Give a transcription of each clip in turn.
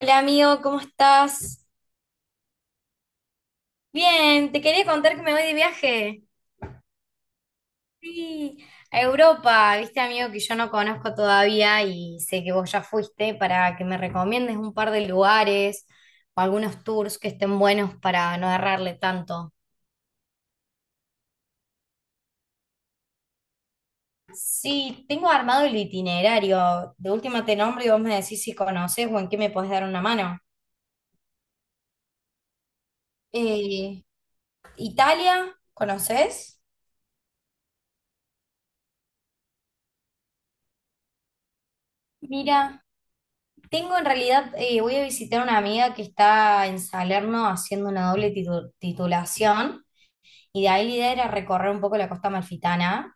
Hola amigo, ¿cómo estás? Bien, te quería contar que me voy de viaje. Sí, a Europa, viste amigo que yo no conozco todavía y sé que vos ya fuiste para que me recomiendes un par de lugares o algunos tours que estén buenos para no errarle tanto. Sí, tengo armado el itinerario. De última te nombro y vos me decís si conoces o en qué me podés dar una mano. Eh, Italia, ¿conoces? Mira. Tengo en realidad, voy a visitar a una amiga que está en Salerno haciendo una titulación y de ahí la idea era recorrer un poco la costa amalfitana.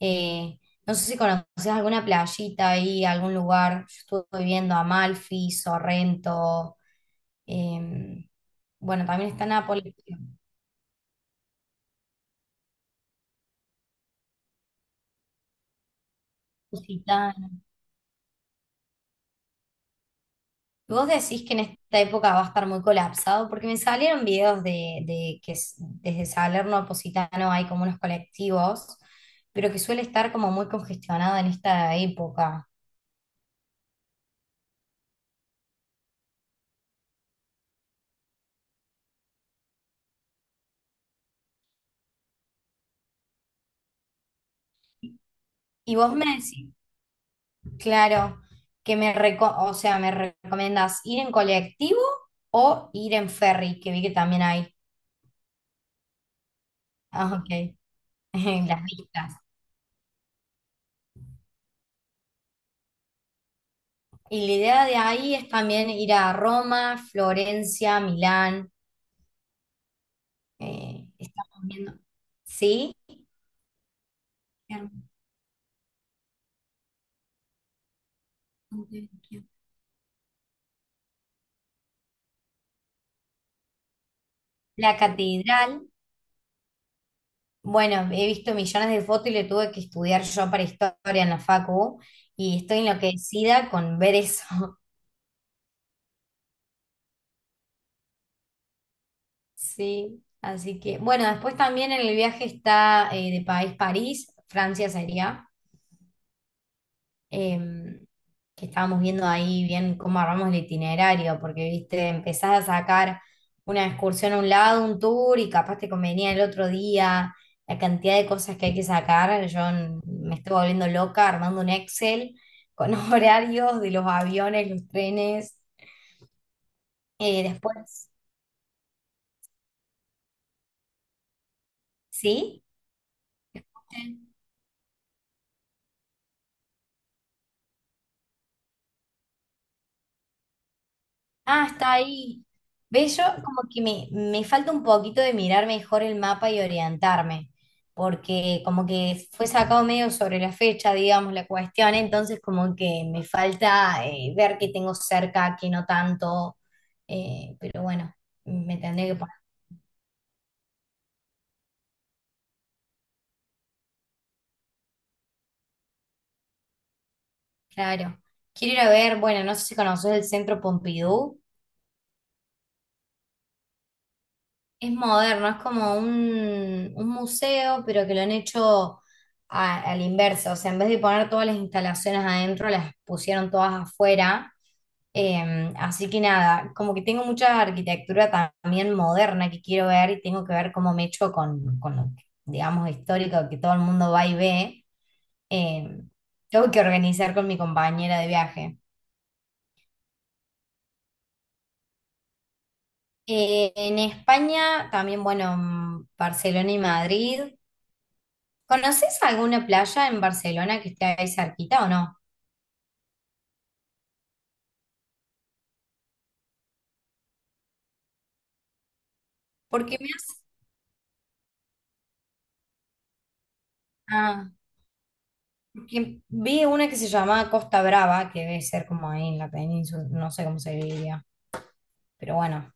Eh, no sé si conoces alguna playita ahí, algún lugar. Yo estuve viendo Amalfi, Sorrento, eh, bueno, también está Nápoles. ¿Vos decís que en esta época va a estar muy colapsado? Porque me salieron videos de desde Salerno a Positano hay como unos colectivos, pero que suele estar como muy congestionado en esta época. Y vos me decís, claro, o sea, me recomendás ir en colectivo o ir en ferry, que vi que también hay. Ah, ok, las vistas. Y la idea de ahí es también ir a Roma, Florencia, Milán. Estamos viendo. ¿Sí? La catedral, bueno, he visto millones de fotos y le tuve que estudiar yo para historia en la facu y estoy enloquecida con ver eso. Sí, así que, bueno, después también en el viaje está de país París, Francia sería. em, que estábamos viendo ahí bien cómo armamos el itinerario, porque, viste, empezás a sacar una excursión a un lado, un tour, y capaz te convenía el otro día, la cantidad de cosas que hay que sacar, me estoy volviendo loca armando un Excel con horarios de los aviones, los trenes, después, ¿sí? Ah, está ahí. ¿Ves? Yo como que me falta un poquito de mirar mejor el mapa y orientarme, porque como que fue sacado medio sobre la fecha, digamos, la cuestión, entonces como que me falta ver qué tengo cerca, qué no tanto, pero bueno, me tendré que poner, claro. Quiero ir a ver, bueno, no sé si conoces el Centro Pompidou. Es moderno, es como un museo, pero que lo han hecho a la inversa. O sea, en vez de poner todas las instalaciones adentro, las pusieron todas afuera. Así que nada, como que tengo mucha arquitectura también moderna que quiero ver y tengo que ver cómo me echo con lo, digamos, histórico que todo el mundo va y ve. Eh, tengo que organizar con mi compañera de viaje. En España, también, bueno, mm, Barcelona y Madrid. ¿Conoces alguna playa en Barcelona que esté ahí cerquita o no? Porque me hace- ah, porque vi una que se llama Costa Brava, que debe ser como ahí en la península, no sé cómo se diría. Pero bueno.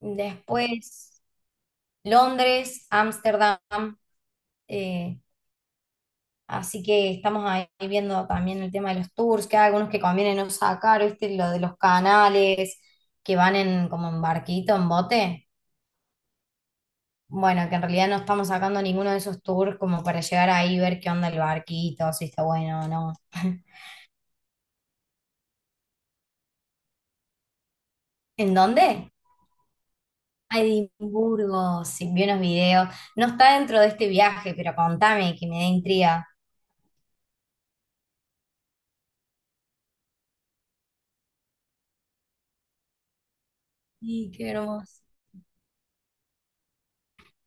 Después, Londres, Ámsterdam. eh, así que estamos ahí viendo también el tema de los tours, que hay algunos que conviene no sacar, ¿viste? Lo de los canales que van en como en barquito, en bote. Bueno, que en realidad no estamos sacando ninguno de esos tours como para llegar ahí y ver qué onda el barquito, si está bueno o no. ¿En dónde? A Edimburgo, sí, vi unos videos. No está dentro de este viaje, pero contame, que me da intriga. Sí, qué hermoso.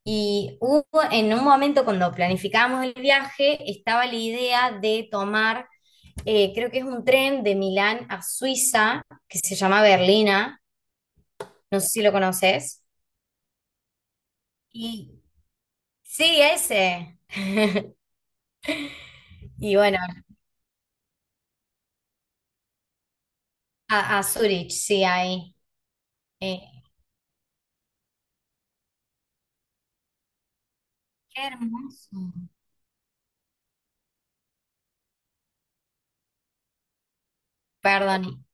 Y hubo en un momento cuando planificábamos el viaje, estaba la idea de tomar, creo que es un tren de Milán a Suiza, que se llama Berlina, no sé si lo conoces. Y sí, ese. Y bueno, a Zurich, sí, ahí. Eh, qué hermoso. Perdón,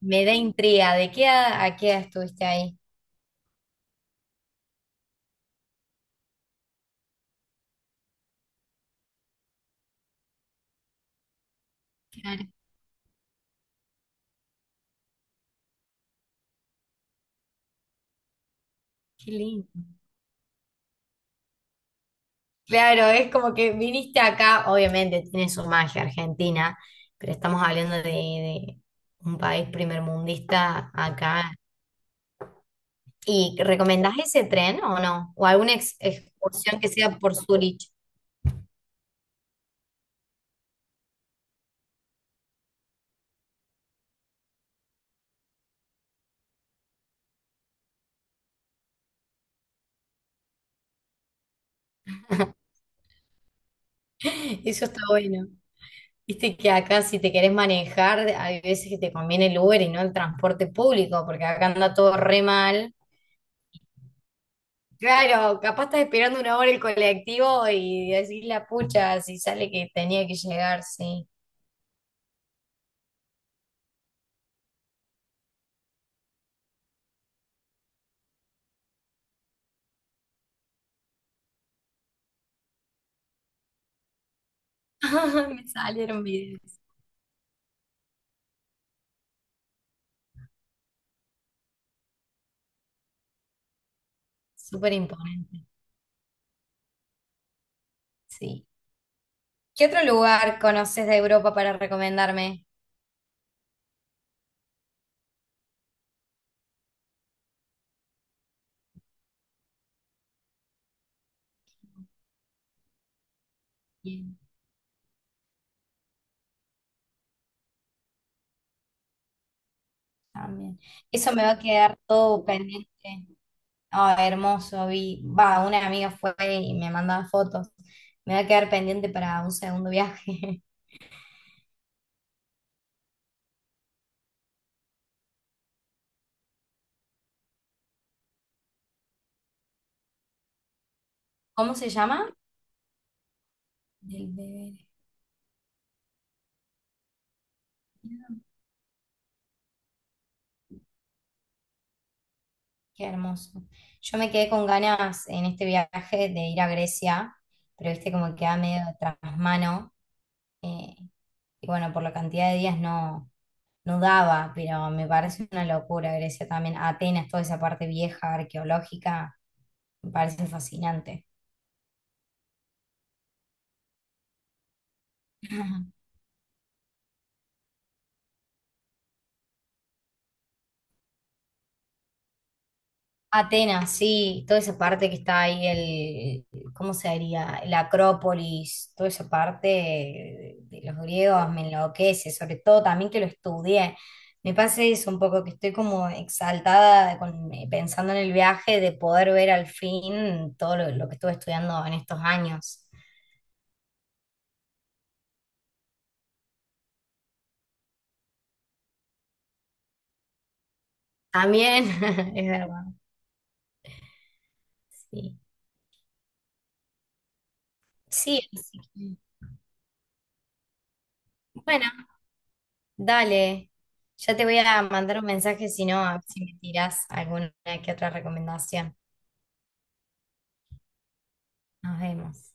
me da intriga. ¿De qué a qué edad estuviste ahí? Claro, qué lindo. Claro, es como que viniste acá, obviamente tiene su magia Argentina, pero estamos hablando de un país primermundista acá. ¿Y recomendás ese tren o no? ¿O alguna excursión que sea por Zurich? Eso está bueno. Viste que acá si te querés manejar, hay veces que te conviene el Uber y no el transporte público, porque acá anda todo re mal. Claro, capaz estás esperando una hora el colectivo y decís la pucha, si sale que tenía que llegar, sí. Me salieron videos. Súper imponente, sí. ¿Qué otro lugar conoces de Europa para recomendarme? También. Eso me va a quedar todo pendiente. Ah, hermoso, vi. Va, una amiga fue y me mandaba fotos. Me va a quedar pendiente para un segundo viaje. ¿Cómo se llama? Del bebé. Qué hermoso. Yo me quedé con ganas en este viaje de ir a Grecia, pero viste como queda medio tras mano. eh, y bueno, por la cantidad de días no, no daba, pero me parece una locura Grecia también. Atenas, toda esa parte vieja, arqueológica. Me parece fascinante. Ajá. Atenas, sí, toda esa parte que está ahí, el, ¿cómo se diría? La Acrópolis, toda esa parte de los griegos me enloquece, sobre todo también que lo estudié. Me pasa eso un poco, que estoy como exaltada pensando en el viaje de poder ver al fin todo lo que estuve estudiando en estos años. También, es verdad, sí. Sí, así que, bueno, dale, ya te voy a mandar un mensaje si no, a ver si me tirás alguna que otra recomendación. Nos vemos.